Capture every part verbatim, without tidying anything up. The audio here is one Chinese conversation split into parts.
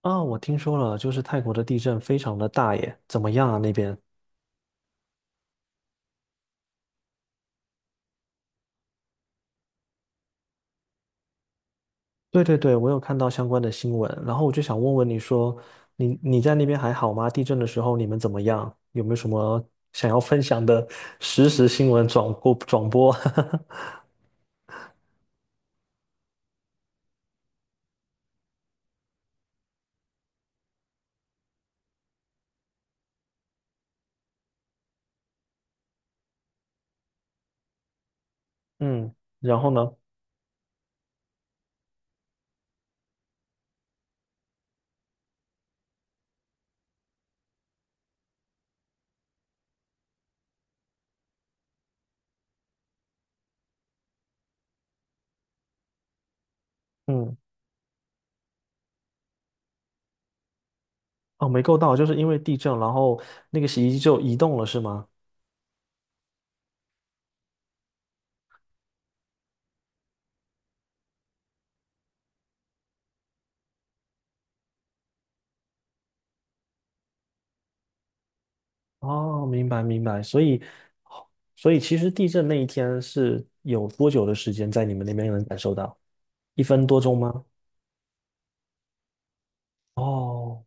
啊，我听说了，就是泰国的地震非常的大耶，怎么样啊那边？对对对，我有看到相关的新闻，然后我就想问问你说，你你在那边还好吗？地震的时候你们怎么样？有没有什么想要分享的实时新闻转播转播？嗯，然后呢？嗯，哦，没够到，就是因为地震，然后那个洗衣机就移动了，是吗？哦，明白明白，所以，所以其实地震那一天是有多久的时间在你们那边能感受到？一分多钟吗？哦，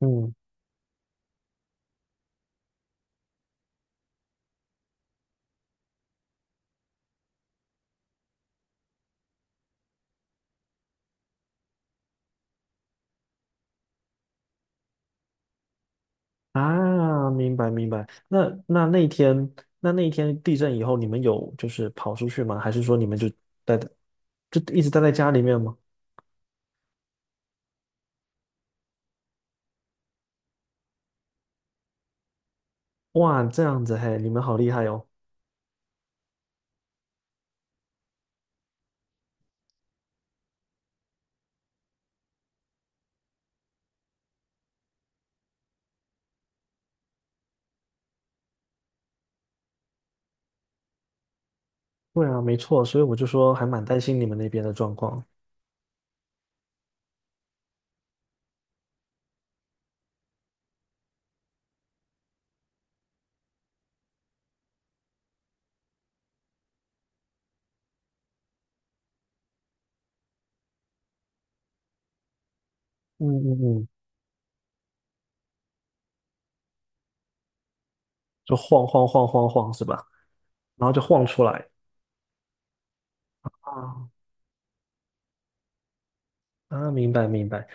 嗯啊，明白明白。那那那天，那那一天地震以后，你们有就是跑出去吗？还是说你们就待在，就一直待在家里面吗？哇，这样子嘿，你们好厉害哦。对啊，没错，所以我就说还蛮担心你们那边的状况。嗯嗯嗯，就晃晃晃晃晃是吧？然后就晃出来。啊，啊，明白明白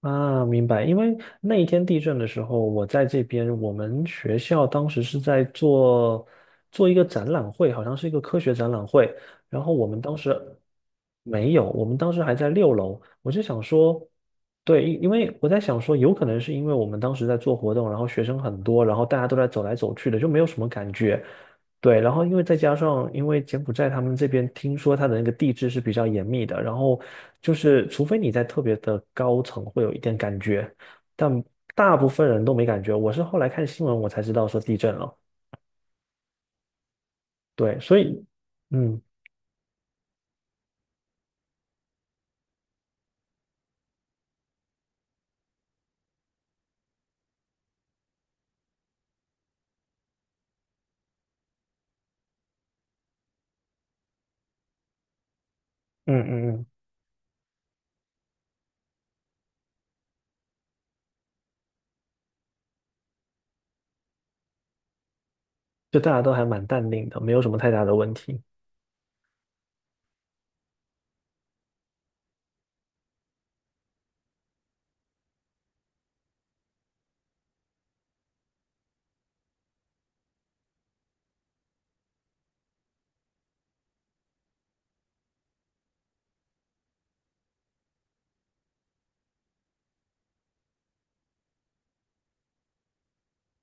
啊，明白。因为那一天地震的时候，我在这边，我们学校当时是在做做一个展览会，好像是一个科学展览会。然后我们当时没有，我们当时还在六楼。我就想说，对，因因为我在想说，有可能是因为我们当时在做活动，然后学生很多，然后大家都在走来走去的，就没有什么感觉。对，然后因为再加上，因为柬埔寨他们这边听说它的那个地质是比较严密的，然后就是除非你在特别的高层会有一点感觉，但大部分人都没感觉。我是后来看新闻我才知道说地震了，对，所以嗯嗯嗯嗯，就大家都还蛮淡定的，没有什么太大的问题。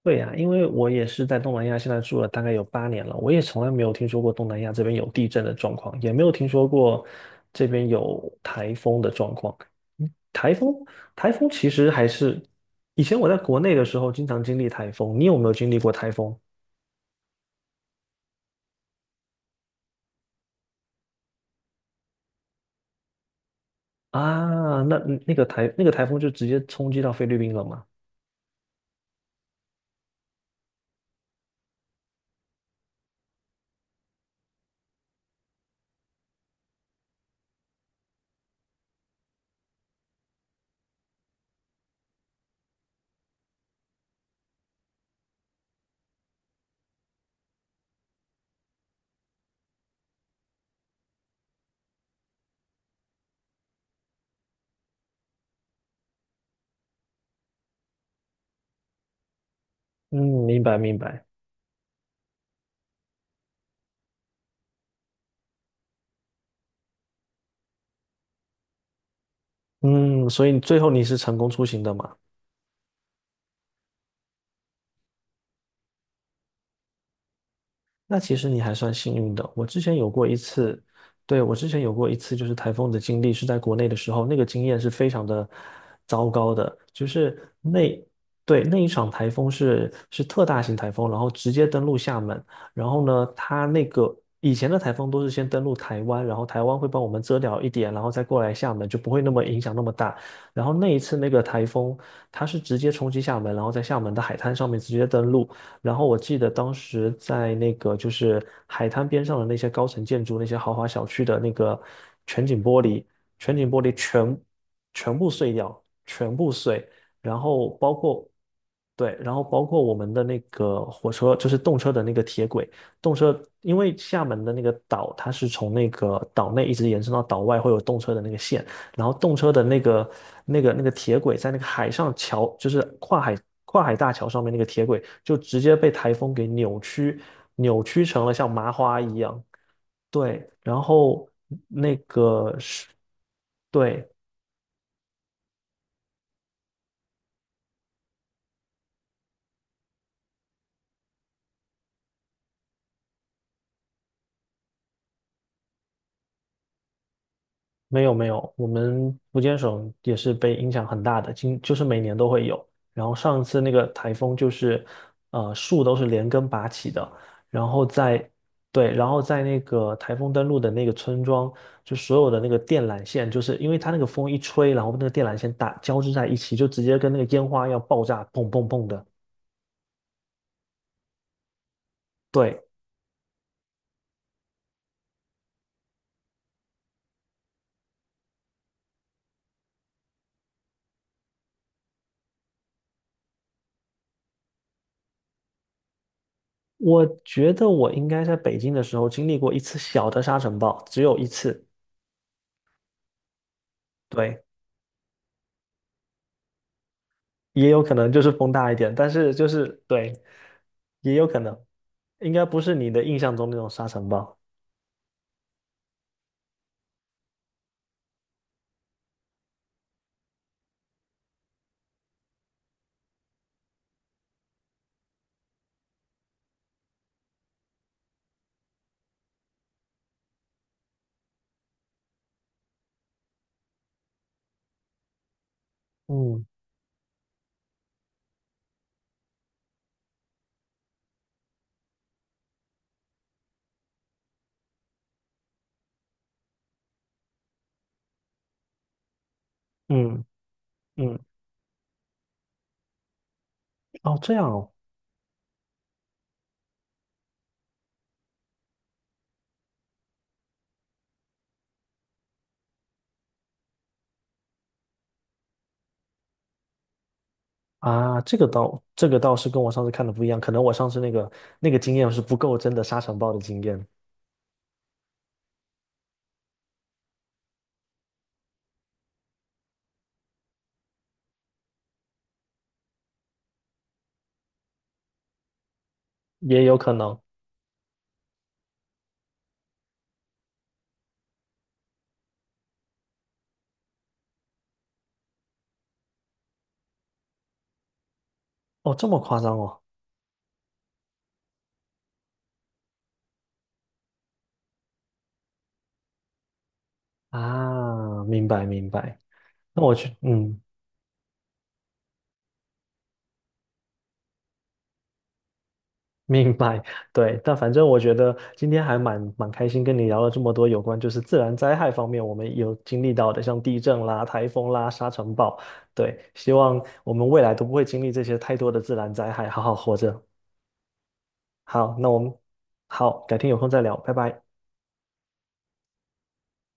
对呀，因为我也是在东南亚，现在住了大概有八年了，我也从来没有听说过东南亚这边有地震的状况，也没有听说过这边有台风的状况。嗯台风，台风其实还是以前我在国内的时候经常经历台风，你有没有经历过台风？啊？那那个台那个台风就直接冲击到菲律宾了吗？嗯，明白明白。嗯，所以最后你是成功出行的嘛？那其实你还算幸运的。我之前有过一次，对，我之前有过一次就是台风的经历，是在国内的时候，那个经验是非常的糟糕的。就是那，对，那一场台风是是特大型台风，然后直接登陆厦门。然后呢，它那个以前的台风都是先登陆台湾，然后台湾会帮我们遮掉一点，然后再过来厦门，就不会那么影响那么大。然后那一次那个台风，它是直接冲击厦门，然后在厦门的海滩上面直接登陆。然后我记得当时在那个就是海滩边上的那些高层建筑、那些豪华小区的那个全景玻璃，全景玻璃全全部碎掉，全部碎。然后包括对，然后包括我们的那个火车，就是动车的那个铁轨，动车因为厦门的那个岛，它是从那个岛内一直延伸到岛外，会有动车的那个线。然后动车的那个那个那个铁轨在那个海上桥，就是跨海跨海大桥上面那个铁轨，就直接被台风给扭曲，扭曲成了像麻花一样。对，然后那个是，对，没有没有，我们福建省也是被影响很大的，今就是每年都会有。然后上次那个台风就是，呃，树都是连根拔起的，然后在对，然后在那个台风登陆的那个村庄，就所有的那个电缆线，就是因为它那个风一吹，然后那个电缆线打交织在一起，就直接跟那个烟花要爆炸，砰砰砰的。对，我觉得我应该在北京的时候经历过一次小的沙尘暴，只有一次。对。也有可能就是风大一点，但是就是对，也有可能，应该不是你的印象中那种沙尘暴。嗯嗯嗯，哦，这样哦，啊，这个倒这个倒是跟我上次看的不一样，可能我上次那个那个经验是不够真的沙尘暴的经验，也有可能。哦，这么夸张哦。啊，明白明白，那我去，嗯。明白，对，但反正我觉得今天还蛮蛮开心，跟你聊了这么多有关就是自然灾害方面我们有经历到的，像地震啦、台风啦、沙尘暴，对，希望我们未来都不会经历这些太多的自然灾害，好好活着。好，那我们好，改天有空再聊，拜拜。